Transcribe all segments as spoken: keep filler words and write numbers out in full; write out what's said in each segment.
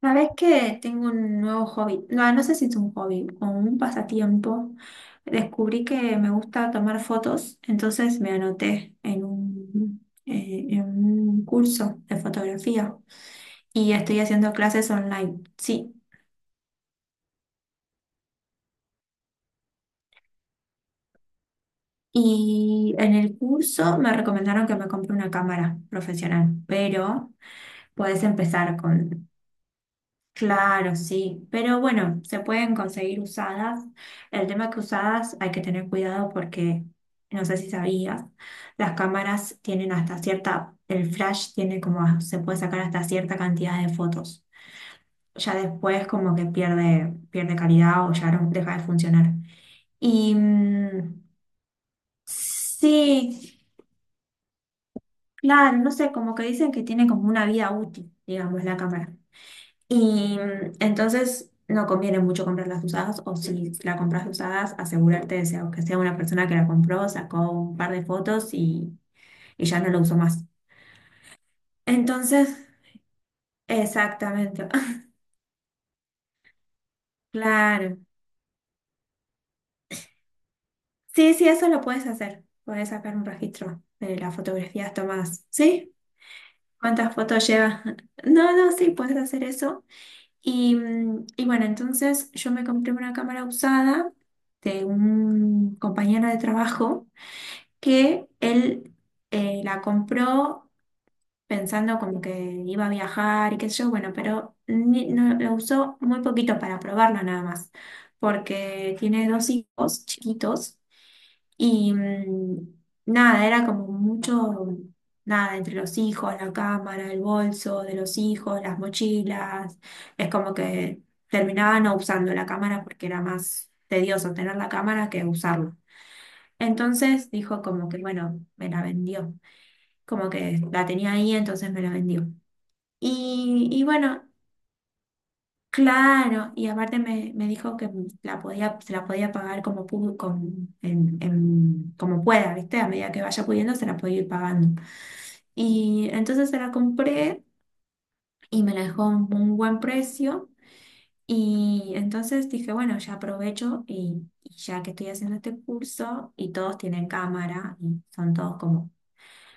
¿Sabes que tengo un nuevo hobby? No, no sé si es un hobby o un pasatiempo. Descubrí que me gusta tomar fotos, entonces me anoté en un, eh, en un curso de fotografía y estoy haciendo clases online, sí. Y en el curso me recomendaron que me compre una cámara profesional, pero puedes empezar con. Claro, sí, pero bueno, se pueden conseguir usadas. El tema es que usadas hay que tener cuidado porque, no sé si sabías, las cámaras tienen hasta cierta, el flash tiene como, se puede sacar hasta cierta cantidad de fotos. Ya después como que pierde, pierde calidad o ya no deja de funcionar. Y mm, sí, claro, no sé, como que dicen que tiene como una vida útil, digamos, la cámara. Y mm, entonces no conviene mucho comprarlas usadas, o si la compras usadas, asegurarte de sea- que sea una persona que la compró, sacó un par de fotos y, y ya no lo usó más. Entonces, exactamente, claro. Sí, sí, eso lo puedes hacer. Puedes sacar un registro de las fotografías tomadas. ¿Sí? ¿Cuántas fotos llevas? No, no, sí, puedes hacer eso. Y, mm, y bueno, entonces yo me compré una cámara usada de un compañero de trabajo, que él eh, la compró pensando como que iba a viajar y qué sé yo, bueno, pero ni- no, lo usó muy poquito para probarla nada más, porque tiene dos hijos chiquitos y mm, nada, era como mucho, nada, entre los hijos, la cámara, el bolso de los hijos, las mochilas, es como que terminaba no usando la cámara porque era más tedioso tener la cámara que usarla. Entonces dijo como que, bueno, me la vendió, como que la tenía ahí, entonces me la vendió. Y, y bueno, claro, y aparte me, me dijo que la podía, se la podía pagar como, pu- con- en- en- como pueda, ¿viste? A medida que vaya pudiendo, se la podía ir pagando. Y entonces se la compré y me la dejó un, un buen precio. Y entonces dije, bueno, ya aprovecho y, y ya que estoy haciendo este curso y todos tienen cámara y son todos como.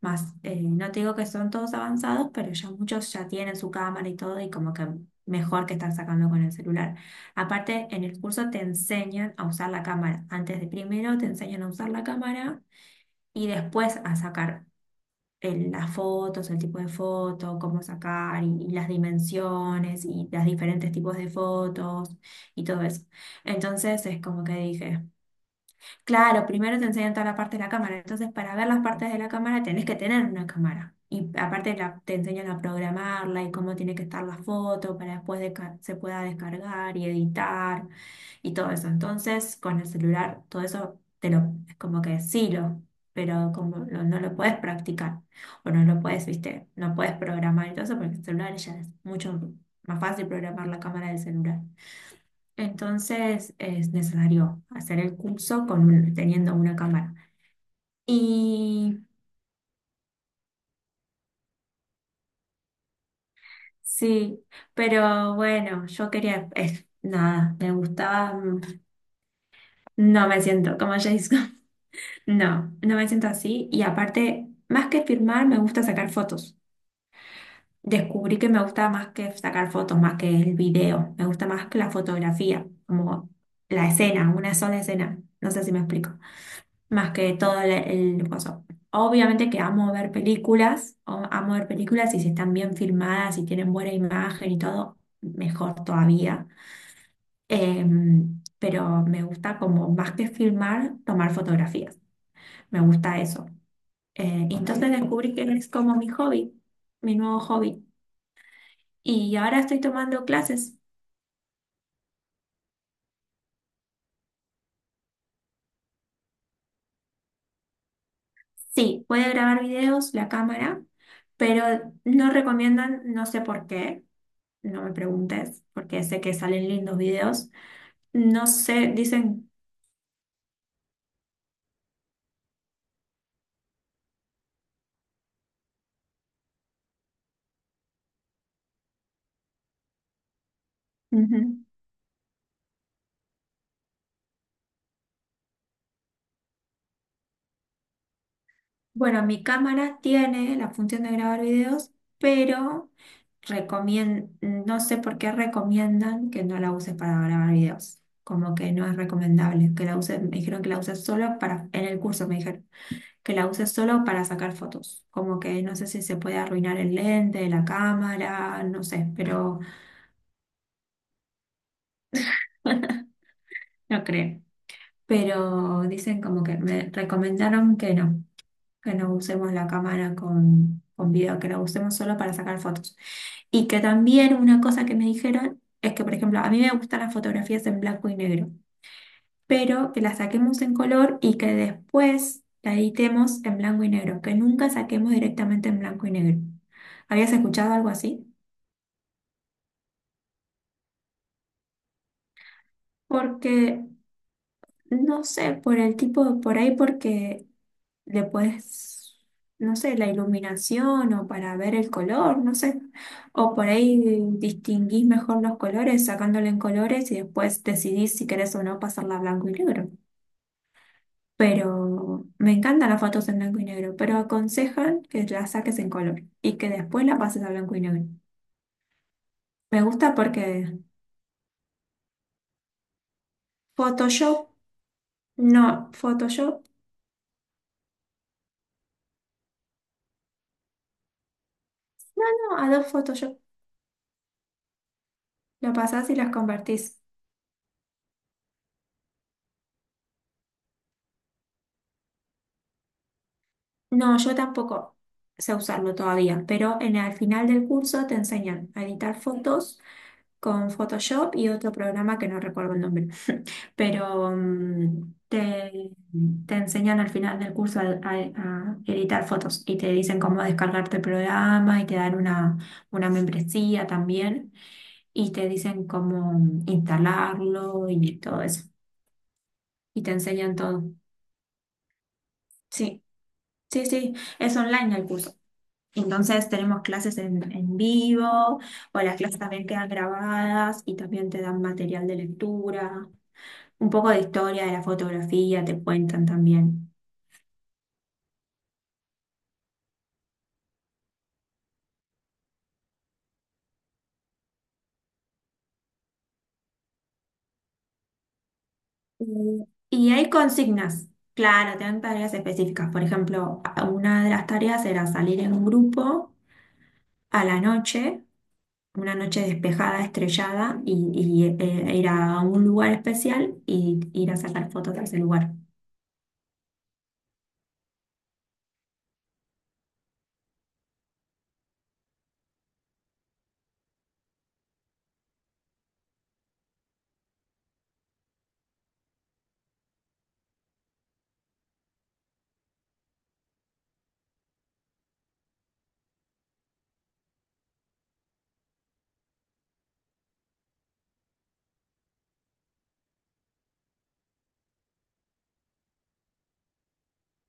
Más, eh, no te digo que son todos avanzados, pero ya muchos ya tienen su cámara y todo, y como que mejor que estar sacando con el celular. Aparte, en el curso te enseñan a usar la cámara. Antes de primero te enseñan a usar la cámara y después a sacar el- las fotos, el tipo de foto, cómo sacar y, y las dimensiones y los diferentes tipos de fotos y todo eso. Entonces es como que dije. Claro, primero te enseñan toda la parte de la cámara, entonces para ver las partes de la cámara tenés que tener una cámara. Y aparte la- te enseñan a programarla y cómo tiene que estar la foto para después desca- se pueda descargar y editar y todo eso. Entonces con el celular todo eso te lo, es como que sí lo, pero como lo- no lo puedes practicar o no lo puedes, viste, no puedes programar y todo eso porque el celular ya es mucho más fácil programar la cámara del celular. Entonces es necesario hacer el curso con un- teniendo una cámara. Y sí, pero bueno, yo quería, eh, nada, me gustaba, mm, no me siento como James Gunn. No, no me siento así. Y aparte, más que filmar, me gusta sacar fotos. Descubrí que me gusta más que sacar fotos, más que el video, me gusta más que la fotografía, como la escena, una sola escena. No sé si me explico. Más que todo el, el coso. Obviamente que amo ver películas, o- amo ver películas y si están bien filmadas y tienen buena imagen y todo, mejor todavía. Em, pero me gusta como más que filmar, tomar fotografías. Me gusta eso. Eh, y entonces descubrí que es como mi hobby, mi nuevo hobby. Y ahora estoy tomando clases. Sí, puede grabar videos, la cámara, pero no recomiendan, no sé por qué. No me preguntes, porque sé que salen lindos videos. No sé, dicen, ujú. Bueno, mi cámara tiene la función de grabar videos, pero recomien- no sé por qué recomiendan que no la uses para grabar videos. Como que no es recomendable que la uses, me dijeron que la uses solo para, en el curso me dijeron, que la uses solo para sacar fotos. Como que no sé si se puede arruinar el lente, la cámara, no sé, pero no creo. Pero dicen como que me recomendaron que no, que no usemos la cámara con, con video, que la usemos solo para sacar fotos. Y que también una cosa que me dijeron es que, por ejemplo, a mí me gustan las fotografías en blanco y negro, pero que las saquemos en color y que después la editemos en blanco y negro, que nunca saquemos directamente en blanco y negro. ¿Habías escuchado algo así? Porque, no sé, por el tipo, por ahí porque le puedes, no sé, la iluminación o para ver el color, no sé. O por ahí distinguís mejor los colores sacándole en colores y después decidís si querés o no pasarla a blanco y negro. Pero me encantan las fotos en blanco y negro, pero aconsejan que las saques en color y que después la pases a blanco y negro. Me gusta porque Photoshop, no, Photoshop, no, Adobe Photoshop, lo pasás y las convertís. No, yo tampoco sé usarlo todavía, pero en el final del curso te enseñan a editar fotos con Photoshop y otro programa que no recuerdo el nombre, pero mm, te, te enseñan al final del curso a, a- a editar fotos y te dicen cómo descargarte el programa y te dan una, una membresía también y te dicen cómo instalarlo y todo eso. Y te enseñan todo. Sí, sí, sí, es online el curso. Entonces tenemos clases en, en vivo o las clases también quedan grabadas y también te dan material de lectura, un poco de historia de la fotografía, te cuentan también. Y y hay consignas, claro, te dan tareas específicas. Por ejemplo, a- una de las tareas era salir en un grupo a la noche, una noche despejada, estrellada, y, y, eh, ir a un lugar especial y ir a sacar fotos de ese lugar.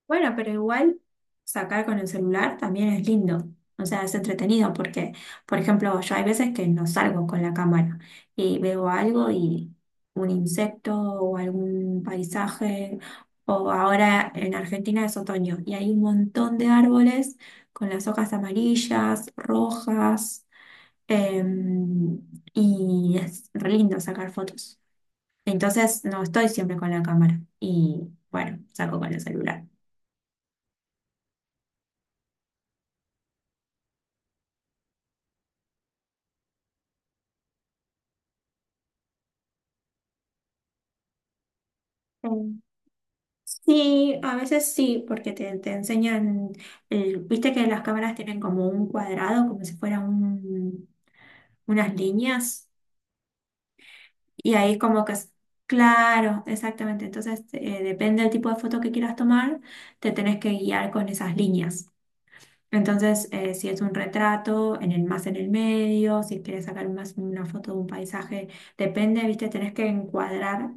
Bueno, pero igual sacar con el celular también es lindo. O sea, es entretenido porque, por ejemplo, yo hay veces que no salgo con la cámara y veo algo y un insecto o algún paisaje. O ahora en Argentina es otoño y hay un montón de árboles con las hojas amarillas, rojas. em, y es re lindo sacar fotos. Entonces no estoy siempre con la cámara y bueno, saco con el celular. Sí, a veces sí, porque te, te enseñan, el- viste que las cámaras tienen como un cuadrado, como si fueran un- unas líneas, y ahí como que es, claro, exactamente, entonces eh, depende del tipo de foto que quieras tomar, te tenés que guiar con esas líneas. Entonces, eh, si es un retrato, en el más en el medio, si quieres sacar más una foto de un paisaje, depende, viste, tenés que encuadrar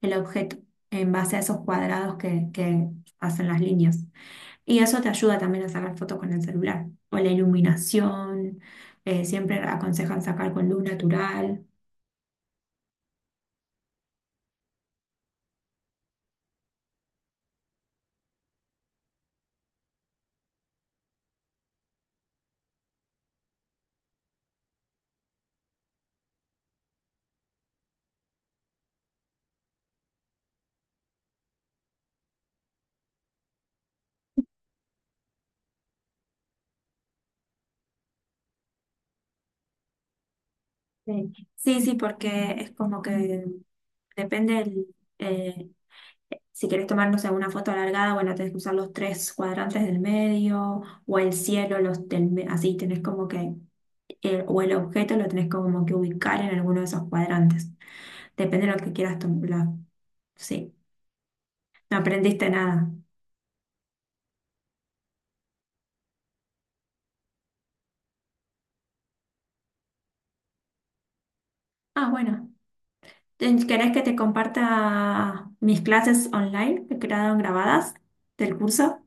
el objeto en base a esos cuadrados que, que hacen las líneas. Y eso te ayuda también a sacar fotos con el celular. O la iluminación, eh, siempre aconsejan sacar con luz natural. Sí, sí, sí, porque es como que depende el, eh, si querés tomarnos alguna foto alargada, bueno, tenés que usar los tres cuadrantes del medio o el cielo, los del, me- así tenés como que, el- o el objeto lo tenés como que ubicar en alguno de esos cuadrantes. Depende de lo que quieras tomar. Sí, no aprendiste nada. Ah, bueno. Ten- ¿Querés que te comparta mis clases online que quedaron grabadas del curso?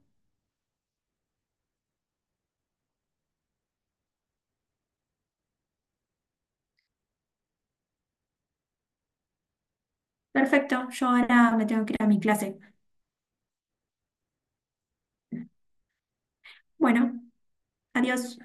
Perfecto, yo ahora me tengo que ir a mi clase. Bueno, adiós.